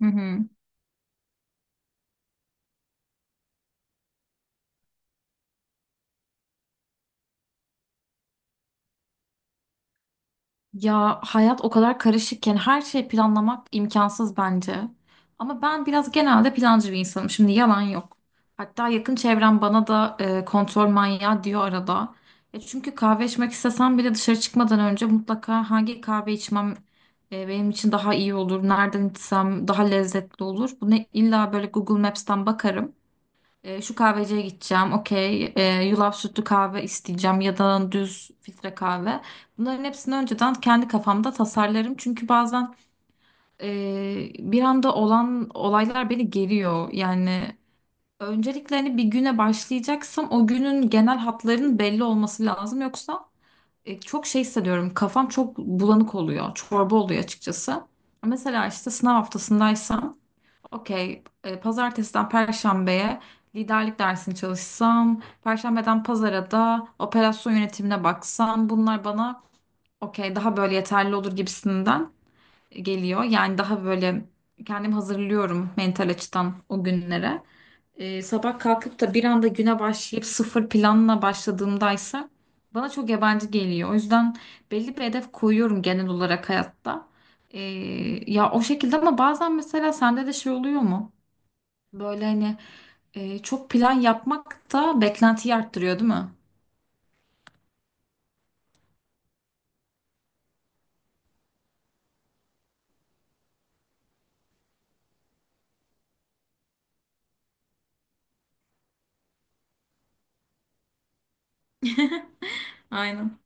Hı hı. Ya hayat o kadar karışıkken her şeyi planlamak imkansız bence. Ama ben biraz genelde plancı bir insanım. Şimdi yalan yok. Hatta yakın çevrem bana da kontrol manyağı diyor arada. Çünkü kahve içmek istesem bile dışarı çıkmadan önce mutlaka hangi kahve içmem benim için daha iyi olur, nereden içsem daha lezzetli olur. Bunu illa böyle Google Maps'ten bakarım. Şu kahveciye gideceğim. Okey. Yulaf sütlü kahve isteyeceğim ya da düz filtre kahve. Bunların hepsini önceden kendi kafamda tasarlarım. Çünkü bazen e, bir anda olan olaylar beni geriyor. Yani öncelikle hani bir güne başlayacaksam o günün genel hatlarının belli olması lazım. Yoksa çok şey hissediyorum. Kafam çok bulanık oluyor. Çorba oluyor açıkçası. Mesela işte sınav haftasındaysam okey. Pazartesiden Perşembe'ye liderlik dersini çalışsam, Perşembeden Pazara da operasyon yönetimine baksam, bunlar bana okey daha böyle yeterli olur gibisinden geliyor. Yani daha böyle kendim hazırlıyorum mental açıdan o günlere. Sabah kalkıp da bir anda güne başlayıp sıfır planla başladığımdaysa bana çok yabancı geliyor. O yüzden belli bir hedef koyuyorum genel olarak hayatta. E, Ya o şekilde ama bazen mesela sende de şey oluyor mu? Böyle hani çok plan yapmak da beklentiyi arttırıyor, değil mi? Aynen.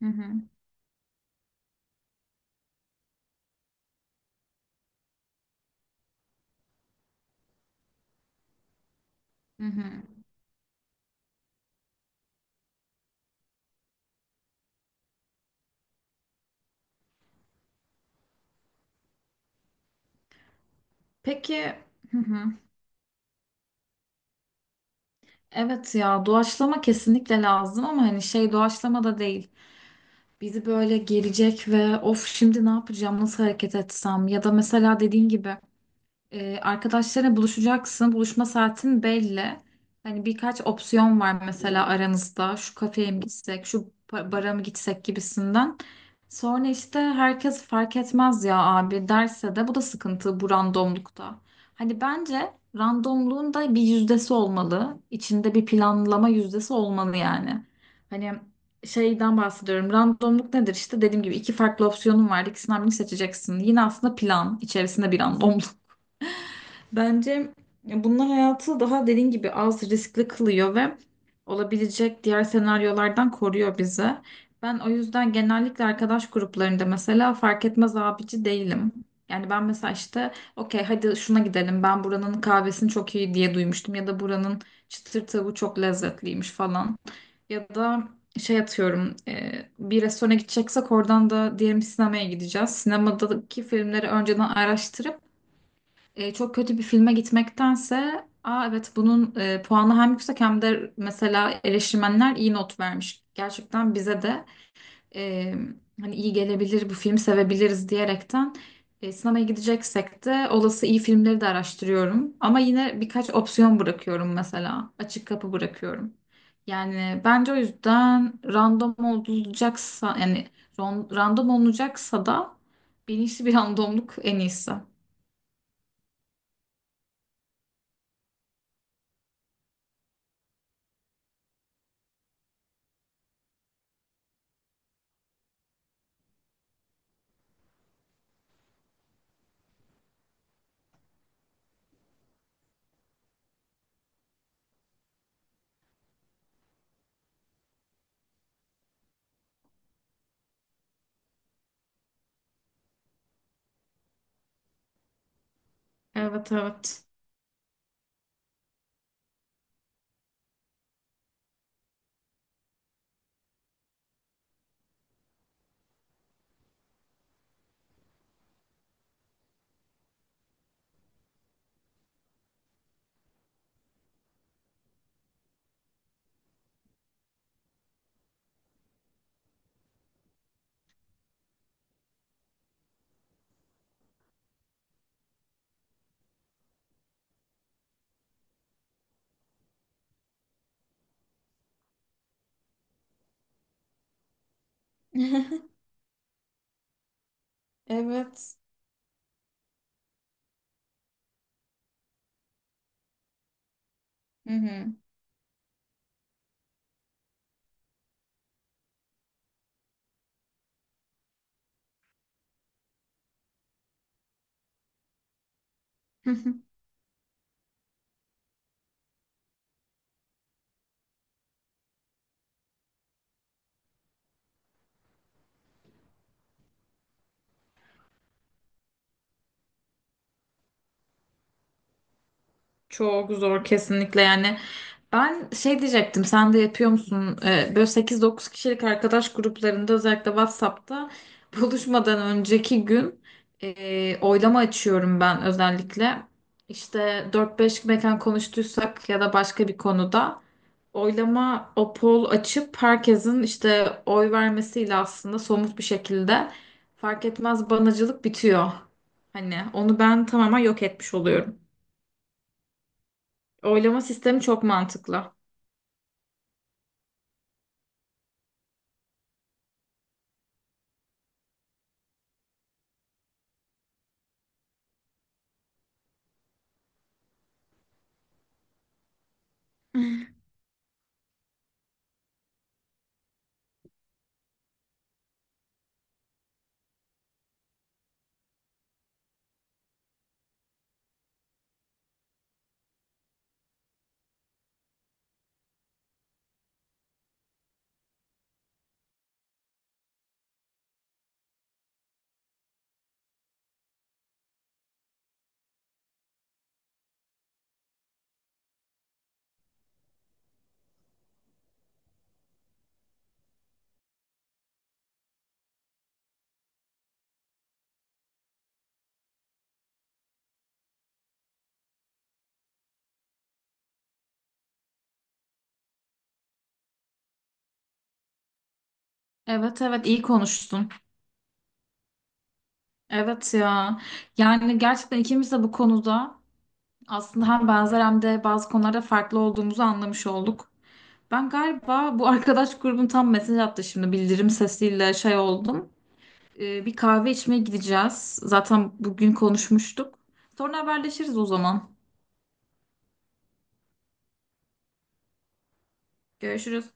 Hı hı. Hı hı. Peki hı hı. Evet ya doğaçlama kesinlikle lazım ama hani şey doğaçlama da değil. Bizi böyle gelecek ve of şimdi ne yapacağım, nasıl hareket etsem ya da mesela dediğin gibi arkadaşlarına buluşacaksın. Buluşma saatin belli. Hani birkaç opsiyon var mesela aranızda. Şu kafeye mi gitsek, şu bara mı gitsek gibisinden. Sonra işte herkes fark etmez ya abi derse de bu da sıkıntı bu randomlukta. Hani bence randomluğun da bir yüzdesi olmalı. İçinde bir planlama yüzdesi olmalı yani. Hani şeyden bahsediyorum. Randomluk nedir? İşte dediğim gibi iki farklı opsiyonun var. İkisinden birini seçeceksin. Yine aslında plan içerisinde bir randomluk. Bence bunlar hayatı daha dediğin gibi az riskli kılıyor ve olabilecek diğer senaryolardan koruyor bizi. Ben o yüzden genellikle arkadaş gruplarında mesela fark etmez abici değilim. Yani ben mesela işte okey hadi şuna gidelim, ben buranın kahvesini çok iyi diye duymuştum ya da buranın çıtır tavuğu çok lezzetliymiş falan. Ya da şey atıyorum bir restorana gideceksek oradan da diyelim sinemaya gideceğiz. Sinemadaki filmleri önceden araştırıp çok kötü bir filme gitmektense, aa, evet bunun puanı hem yüksek hem de mesela eleştirmenler iyi not vermiş. Gerçekten bize de e, hani iyi gelebilir bu film, sevebiliriz diyerekten sinemaya gideceksek de olası iyi filmleri de araştırıyorum. Ama yine birkaç opsiyon bırakıyorum mesela. Açık kapı bırakıyorum. Yani bence o yüzden random olacaksa, yani random olunacaksa da bilinçli bir randomluk en iyisi. Evet, evet. Evet. Hı hı. Hı hı. Çok zor kesinlikle yani. Ben şey diyecektim, sen de yapıyor musun? Böyle sekiz dokuz kişilik arkadaş gruplarında, özellikle WhatsApp'ta, buluşmadan önceki gün oylama açıyorum ben özellikle. İşte dört beş mekan konuştuysak ya da başka bir konuda oylama o poll açıp herkesin işte oy vermesiyle aslında somut bir şekilde fark etmez banacılık bitiyor. Hani onu ben tamamen yok etmiş oluyorum. Oylama sistemi çok mantıklı. Evet, evet, iyi konuştun. Evet ya. Yani gerçekten ikimiz de bu konuda aslında hem benzer hem de bazı konularda farklı olduğumuzu anlamış olduk. Ben galiba bu arkadaş grubun tam mesaj attı şimdi bildirim sesiyle şey oldum. Bir kahve içmeye gideceğiz. Zaten bugün konuşmuştuk. Sonra haberleşiriz o zaman. Görüşürüz.